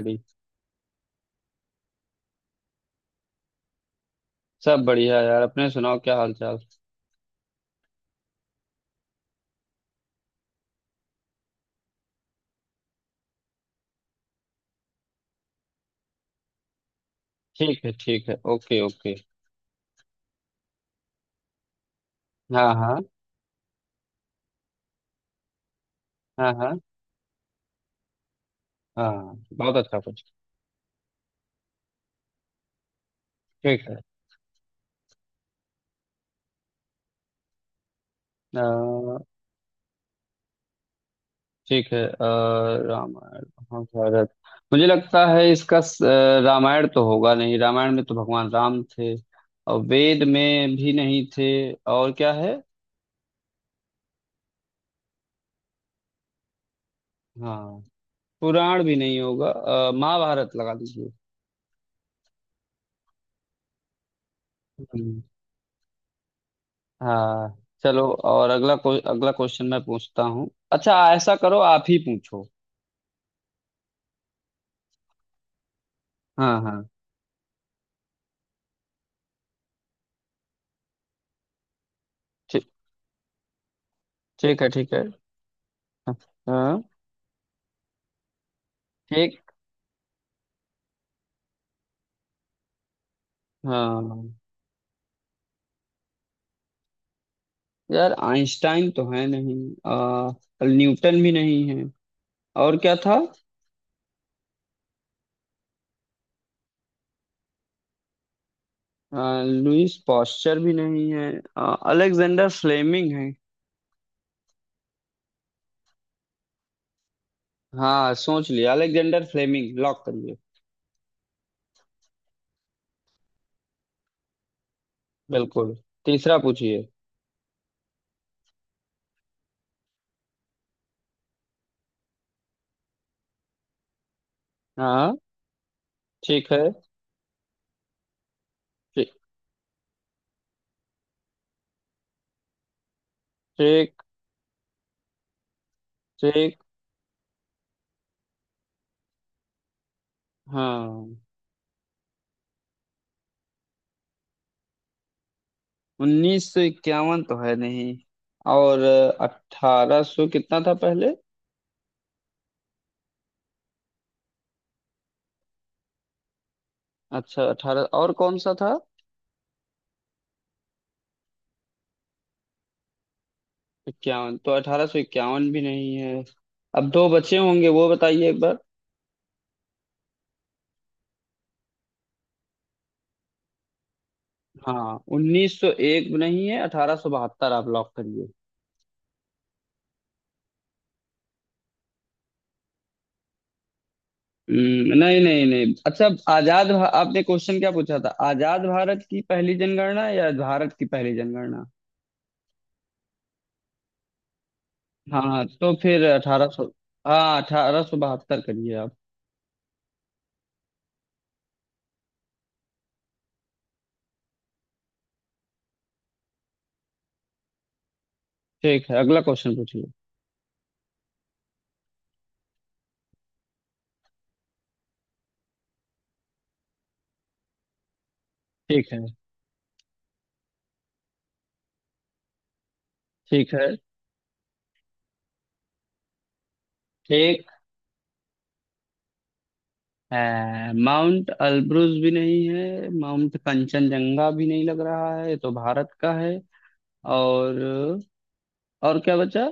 भी। सब बढ़िया यार, अपने सुनाओ, क्या हाल चाल। ठीक है, ठीक है, ओके ओके। हाँ हाँ। हाँ हाँ। हाँ, बहुत अच्छा कुछ। ठीक है। अ, ठीक है। रामायण, महाभारत। मुझे लगता है इसका रामायण तो होगा नहीं, रामायण में तो भगवान राम थे। और वेद में भी नहीं थे। और क्या है। हाँ। पुराण भी नहीं होगा। महाभारत लगा दीजिए। हम्म। हाँ। चलो, और अगला क्वेश्चन मैं पूछता हूँ। अच्छा, ऐसा करो, आप ही पूछो। हाँ हाँ। ठीक। ठीक है, ठीक है। हाँ। हाँ। ठीक। हाँ, यार आइंस्टाइन तो है नहीं। आ, न्यूटन भी नहीं है। और क्या था। लुईस पॉस्चर भी नहीं है। अलेक्जेंडर फ्लेमिंग है। हाँ, सोच लिया, अलेक्जेंडर फ्लेमिंग लॉक करिए। बिल्कुल। तीसरा पूछिए। हाँ। ठीक है। ठीक। ठीक। ठीक। हाँ। उन्नीस सौ इक्यावन तो है नहीं। और अठारह सौ कितना था पहले। अच्छा, अठारह और कौन सा था। इक्यावन तो अठारह सौ इक्यावन भी नहीं है। अब दो बचे होंगे, वो बताइए एक बार। हाँ, उन्नीस सौ एक नहीं है, अठारह सौ बहत्तर आप लॉक करिए। नहीं नहीं नहीं, अच्छा, आपने क्वेश्चन क्या पूछा था, आजाद भारत की पहली जनगणना या भारत की पहली जनगणना। हाँ, तो फिर अठारह सौ। हाँ, अठारह सौ बहत्तर करिए आप। ठीक है, अगला क्वेश्चन पूछिए। ठीक है। ठीक है। ठीक है। माउंट अल्ब्रुज भी नहीं है, माउंट कंचनजंगा भी नहीं लग रहा है, ये तो भारत का है। और और क्या बचा।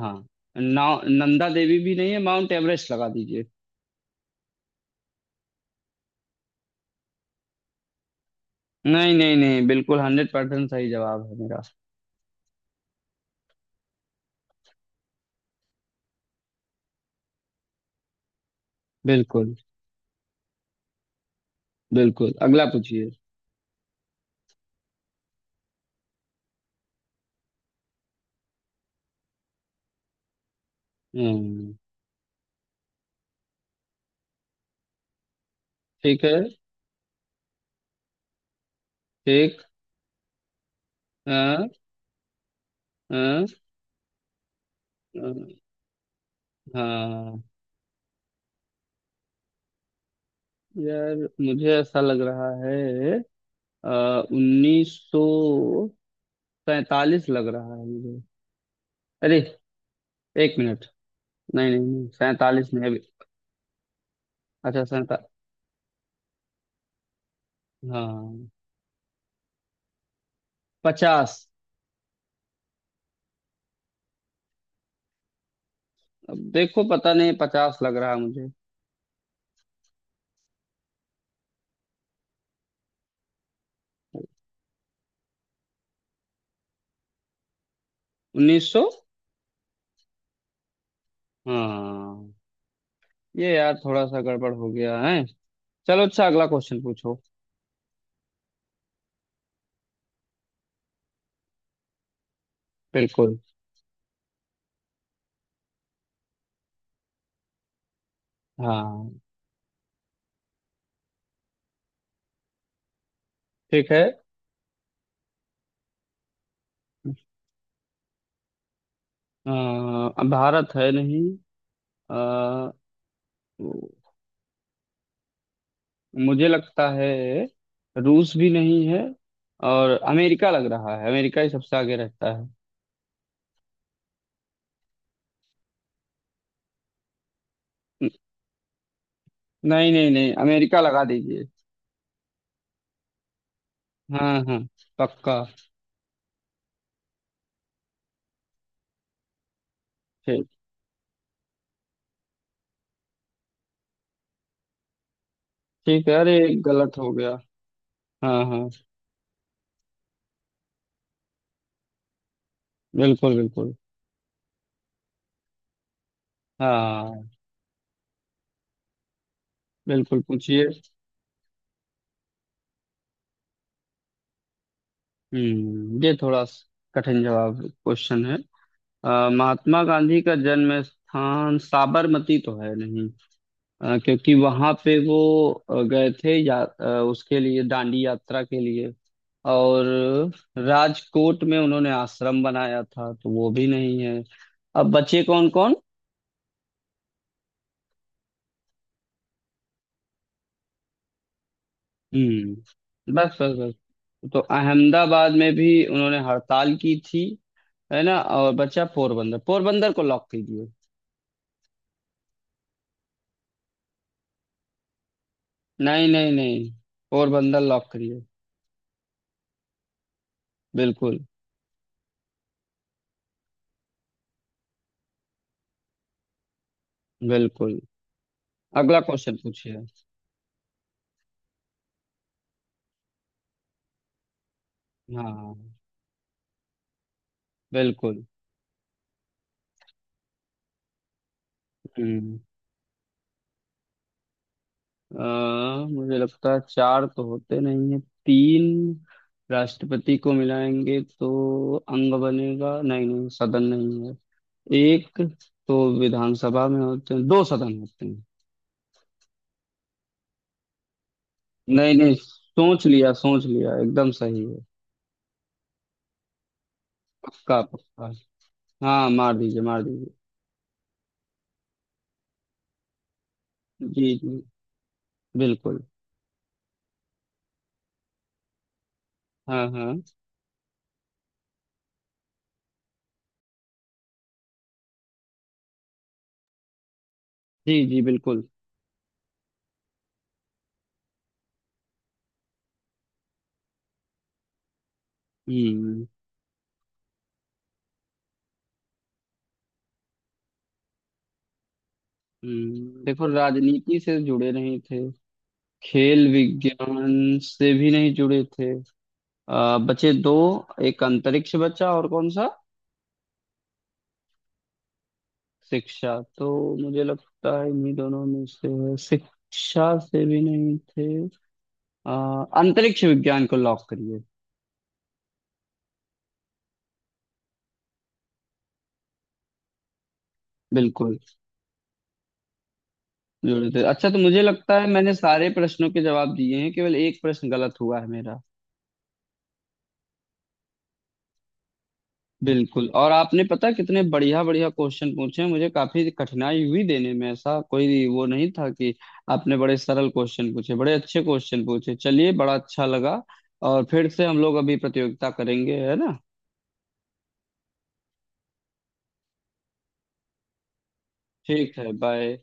हाँ। नौ। नंदा देवी भी नहीं है, माउंट एवरेस्ट लगा दीजिए। नहीं नहीं नहीं, बिल्कुल हंड्रेड परसेंट सही जवाब है मेरा। बिल्कुल। बिल्कुल, अगला पूछिए। हम्म। ठीक है। ठीक। हाँ। हाँ। हाँ। हाँ। यार, मुझे ऐसा लग रहा है, उन्नीस सौ पैंतालीस लग रहा है मुझे। अरे, एक मिनट। नहीं नहीं नहीं, सैंतालीस नहीं अभी। अच्छा, सैंता। हाँ। पचास। अब देखो, पता नहीं, पचास लग रहा है मुझे। उन्नीस सौ। हाँ, ये यार थोड़ा सा गड़बड़ हो गया है। चलो, अच्छा, अगला क्वेश्चन पूछो। बिल्कुल। हाँ। ठीक है। अ, भारत है नहीं। अ, मुझे लगता है रूस भी नहीं है। और अमेरिका लग रहा है, अमेरिका ही सबसे आगे रहता है। नहीं नहीं नहीं, अमेरिका लगा दीजिए। हाँ हाँ, पक्का। ठीक। ठीक है। अरे, गलत हो गया। हाँ हाँ। बिल्कुल बिल्कुल। हाँ। बिल्कुल, पूछिए। हम्म ये थोड़ा स- कठिन जवाब क्वेश्चन है। महात्मा गांधी का जन्म स्थान साबरमती तो है नहीं। क्योंकि वहां पे वो गए थे या उसके लिए दांडी यात्रा के लिए। और राजकोट में उन्होंने आश्रम बनाया था, तो वो भी नहीं है। अब बचे कौन कौन। हम्म, बस बस बस। तो अहमदाबाद में भी उन्होंने हड़ताल की थी, है ना। और बचा पोरबंदर, पोरबंदर को लॉक कीजिए। नहीं नहीं नहीं, पोरबंदर लॉक करिए। बिल्कुल। बिल्कुल, अगला क्वेश्चन पूछिए। हाँ। बिल्कुल। हम्म। मुझे लगता है चार तो होते नहीं है। तीन, राष्ट्रपति को मिलाएंगे तो अंग बनेगा, नहीं नहीं सदन नहीं है। एक तो विधानसभा में होते हैं, दो सदन होते हैं। नहीं नहीं, सोच लिया, सोच लिया, एकदम सही है। पक्का पक्का। हाँ, मार दीजिए, मार दीजिए। जी जी, बिल्कुल। हाँ हाँ। जी जी, बिल्कुल। हम्म। हम्म, देखो, राजनीति से जुड़े नहीं थे। खेल विज्ञान से भी नहीं जुड़े थे। बचे दो, एक अंतरिक्ष बचा और कौन सा। शिक्षा, तो मुझे लगता है इन्हीं दोनों में से है। शिक्षा से भी नहीं थे। अंतरिक्ष विज्ञान को लॉक करिए। बिल्कुल। जोड़े थे, अच्छा। तो मुझे लगता है मैंने सारे प्रश्नों के जवाब दिए हैं, केवल एक प्रश्न गलत हुआ है मेरा। बिल्कुल, और आपने पता कितने बढ़िया बढ़िया क्वेश्चन पूछे हैं, मुझे काफी कठिनाई हुई देने में, ऐसा कोई वो नहीं था कि आपने बड़े सरल क्वेश्चन पूछे, बड़े अच्छे क्वेश्चन पूछे। चलिए, बड़ा अच्छा लगा। और फिर से हम लोग अभी प्रतियोगिता करेंगे, है ना। ठीक है, बाय।